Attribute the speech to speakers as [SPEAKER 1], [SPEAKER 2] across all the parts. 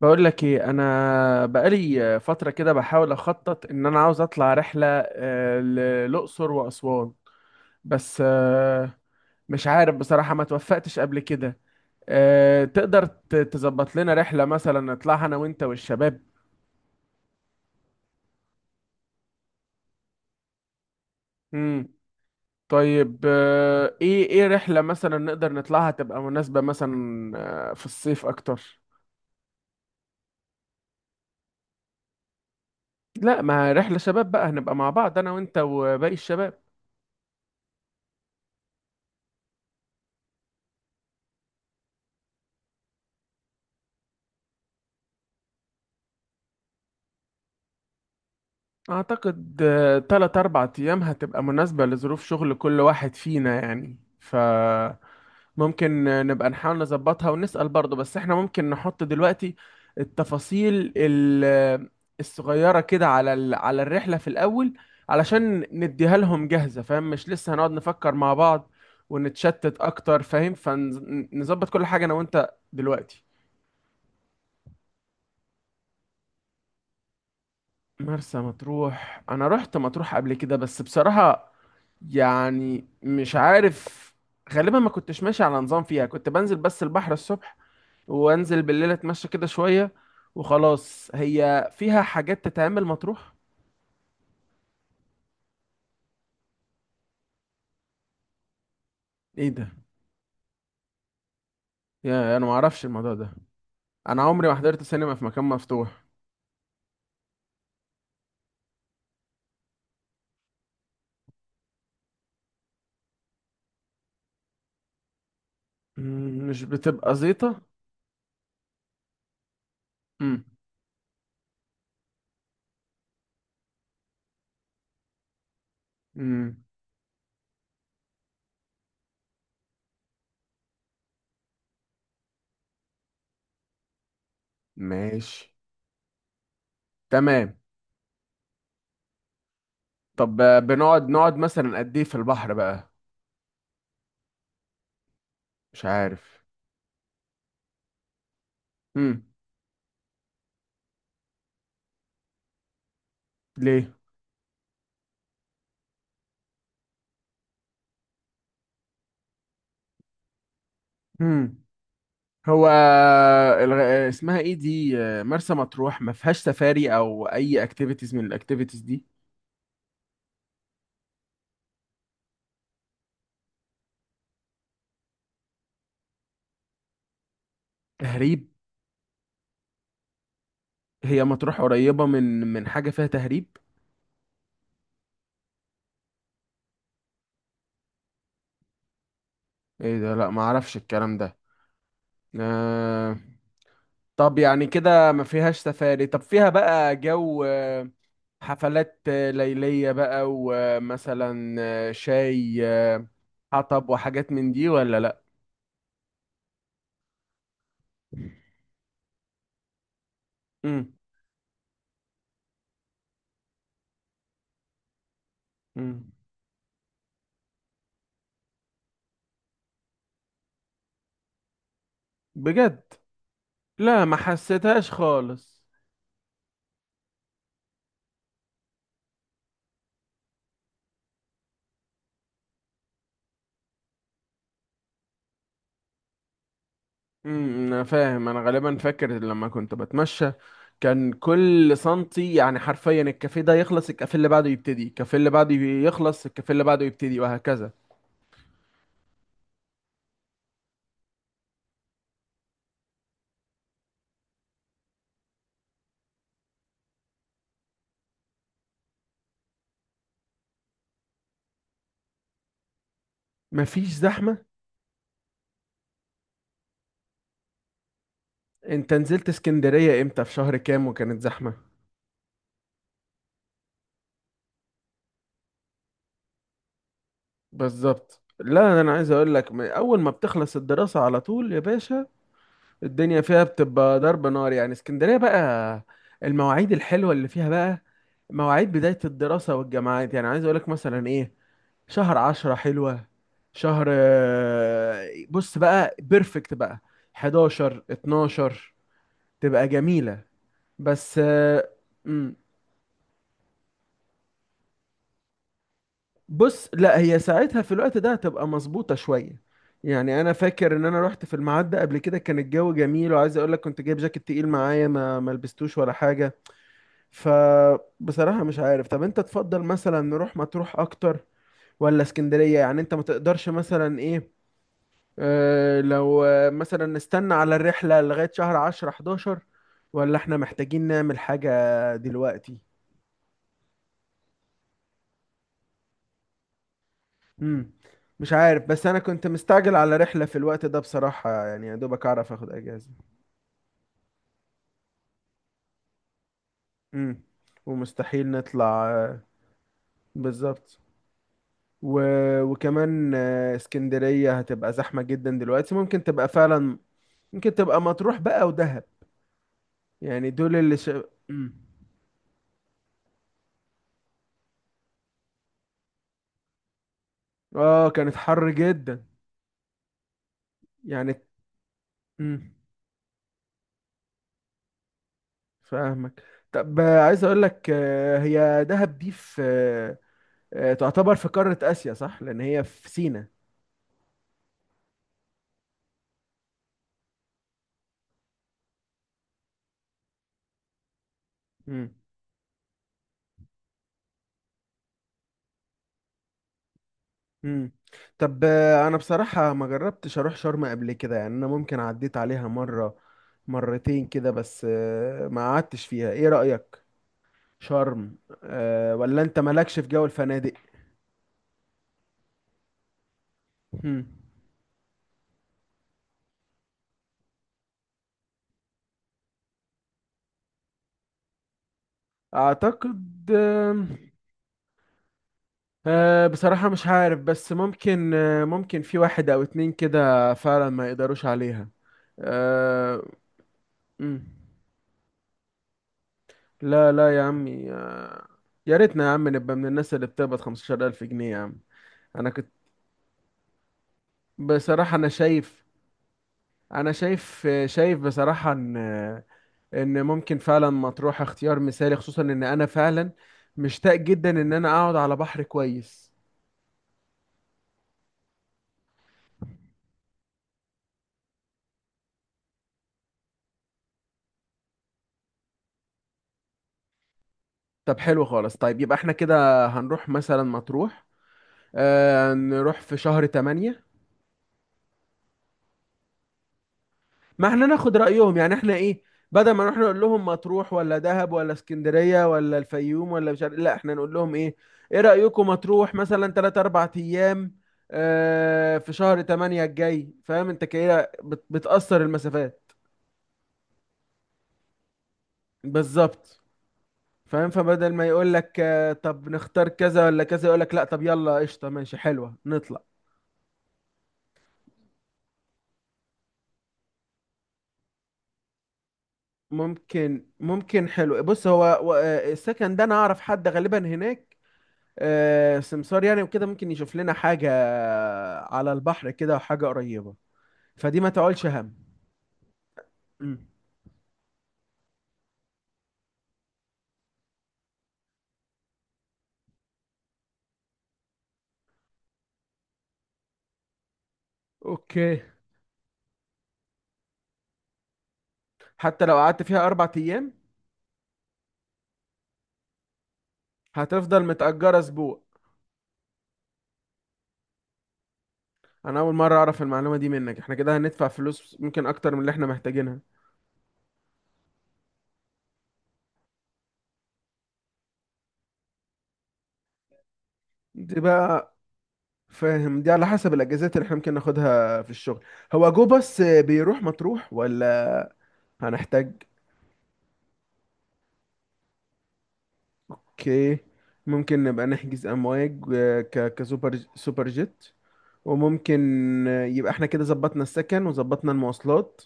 [SPEAKER 1] بقول لك ايه، انا بقالي فتره كده بحاول اخطط ان انا عاوز اطلع رحله للاقصر واسوان. بس مش عارف بصراحه، ما توفقتش قبل كده. تقدر تظبط لنا رحله مثلا نطلعها انا وانت والشباب؟ امم طيب ايه رحله مثلا نقدر نطلعها تبقى مناسبه مثلا في الصيف اكتر؟ لا، ما رحله شباب بقى، هنبقى مع بعض انا وانت وباقي الشباب. اعتقد 3 4 ايام هتبقى مناسبة لظروف شغل كل واحد فينا، يعني فممكن نبقى نحاول نظبطها ونسأل برضه، بس احنا ممكن نحط دلوقتي التفاصيل الصغيرة كده على على الرحلة في الاول، علشان نديها لهم جاهزة، فاهم؟ مش لسه هنقعد نفكر مع بعض ونتشتت اكتر، فاهم؟ فنظبط كل حاجة انا وانت دلوقتي. مرسى مطروح، انا رحت مطروح قبل كده بس بصراحة يعني مش عارف. غالبا ما كنتش ماشي على نظام فيها، كنت بنزل بس البحر الصبح وانزل بالليل اتمشى كده شوية وخلاص. هي فيها حاجات تتعمل مطروح؟ ايه ده؟ يا انا ما اعرفش الموضوع ده. انا عمري ما حضرت سينما في مكان مفتوح. مش بتبقى زيطة؟ امم. امم. ماشي. تمام. طب نقعد مثلا قد ايه في البحر بقى؟ مش عارف. امم. ليه؟ امم. هو الغ... اسمها ايه دي؟ مرسى مطروح ما فيهاش سفاري او اي اكتيفيتيز من الاكتيفيتيز دي؟ تهريب؟ هي مطروح قريبة من حاجة فيها تهريب؟ ايه ده، لا ما اعرفش الكلام ده. آه... طب يعني كده ما فيهاش سفاري، طب فيها بقى جو حفلات ليلية بقى ومثلا شاي حطب وحاجات من دي ولا لا؟ مم. مم. بجد؟ لا، ما حسيتهاش خالص. انا فاهم، انا غالبا فاكر لما كنت بتمشى كان كل سنتي، يعني حرفيا الكافيه ده يخلص الكافيه اللي بعده يبتدي، الكافيه اللي بعده يخلص الكافيه اللي بعده يبتدي، وهكذا. مفيش زحمة. انت نزلت اسكندرية امتى؟ في شهر كام وكانت زحمة؟ بالظبط، لا انا عايز اقول لك، من اول ما بتخلص الدراسة على طول يا باشا الدنيا فيها بتبقى ضرب نار، يعني اسكندرية بقى. المواعيد الحلوة اللي فيها بقى مواعيد بداية الدراسة والجامعات، يعني عايز اقول لك مثلا ايه، شهر 10 حلوة. شهر بص بقى بيرفكت بقى، 11 12 تبقى جميلة. بس مم، بص، لا هي ساعتها في الوقت ده هتبقى مظبوطة شوية. يعني انا فاكر ان انا رحت في الميعاد ده قبل كده، كان الجو جميل وعايز اقول لك كنت جايب جاكيت تقيل معايا، ما لبستوش ولا حاجة. فبصراحة مش عارف، طب انت تفضل مثلا نروح مطروح اكتر ولا اسكندرية؟ يعني انت ما تقدرش مثلا ايه، لو مثلا نستنى على الرحلة لغاية شهر 10 11، ولا احنا محتاجين نعمل حاجة دلوقتي؟ مم. مش عارف، بس انا كنت مستعجل على رحلة في الوقت ده بصراحة، يعني يا دوبك اعرف اخد اجازة. مم. ومستحيل نطلع. بالظبط. و... وكمان اسكندرية هتبقى زحمة جدا دلوقتي، ممكن تبقى فعلا. ممكن تبقى مطروح بقى ودهب، يعني دول اللي. مم. اه، كانت حر جدا يعني. مم. فاهمك. طب عايز اقول لك هي دهب دي في تعتبر في قارة آسيا صح؟ لان هي في سينا. امم. امم. طب انا بصراحة ما جربتش اروح شرم قبل كده، يعني انا ممكن عديت عليها مرة مرتين كده، بس ما قعدتش فيها. ايه رأيك شرم؟ ولا انت مالكش في جو الفنادق؟ مم. اعتقد أه، بصراحة مش عارف، بس ممكن، أه ممكن في واحد أو اتنين كده فعلا ما يقدروش عليها. أه. مم. لا لا يا عمي، أه، يا ريتنا يا عم نبقى من الناس اللي بتقبض 15000 جنيه يا عم. أنا كنت بصراحة، أنا شايف، أنا شايف بصراحة إن إن ممكن فعلا مطروح اختيار مثالي، خصوصا إن أنا فعلا مشتاق جدا إن أنا أقعد على بحر كويس. طب حلو خالص، طيب يبقى احنا كده هنروح مثلا مطروح، آه نروح في شهر 8. ما احنا ناخد رأيهم، يعني احنا ايه، بدل ما نروح نقول لهم مطروح ولا دهب ولا اسكندرية ولا الفيوم ولا مش عارف، لا احنا نقول لهم ايه ايه رأيكم مطروح مثلا 3 4 ايام، آه في شهر 8 الجاي. فاهم انت كده بتأثر المسافات. بالظبط. فاهم، فبدل ما يقول لك آه طب نختار كذا ولا كذا، يقول لك لا طب يلا قشطة ماشي حلوة نطلع. ممكن، حلو. بص هو السكن ده انا اعرف حد غالبا هناك سمسار يعني وكده، ممكن يشوف لنا حاجة على البحر كده وحاجة قريبة، فدي ما تقولش هم. مم. اوكي. حتى لو قعدت فيها 4 أيام هتفضل متأجرة أسبوع. أنا أول مرة أعرف المعلومة دي منك، احنا كده هندفع فلوس ممكن أكتر من اللي احنا محتاجينها. دي بقى، فاهم، دي على حسب الأجازات اللي احنا ممكن ناخدها في الشغل. هو جو بس بيروح مطروح ولا هنحتاج؟ اوكي. ممكن نبقى نحجز امواج، كسوبر جيت. وممكن يبقى احنا كده ظبطنا السكن وظبطنا المواصلات.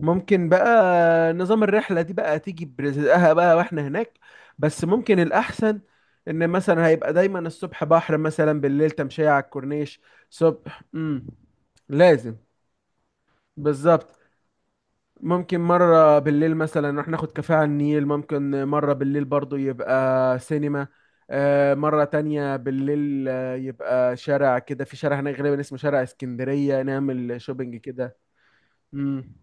[SPEAKER 1] ممكن بقى نظام الرحلة دي بقى تيجي برزقها بقى واحنا هناك، بس ممكن الأحسن إن مثلا هيبقى دايما الصبح بحر، مثلا بالليل تمشية على الكورنيش. صبح. امم. لازم. بالظبط. ممكن مرة بالليل مثلا نروح ناخد كافيه على النيل، ممكن مرة بالليل برضو يبقى سينما، مرة تانية بالليل يبقى شارع كده، في شارع هناك غالبا اسمه شارع اسكندرية نعمل شوبينج كده. امم.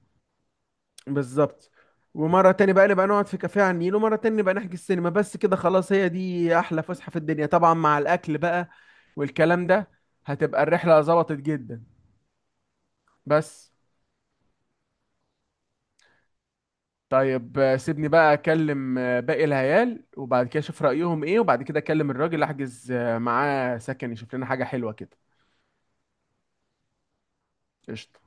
[SPEAKER 1] بالظبط. ومرة تانية بقى نبقى نقعد في كافيه على النيل، ومرة تانية نبقى نحجز سينما، بس كده خلاص هي دي أحلى فسحة في الدنيا طبعا مع الأكل بقى والكلام ده. هتبقى الرحلة ظبطت جدا، بس طيب سيبني بقى اكلم باقي العيال، وبعد كده اشوف رأيهم ايه، وبعد كده اكلم الراجل احجز معاه سكن يشوف لنا حاجة حلوة كده. قشطة.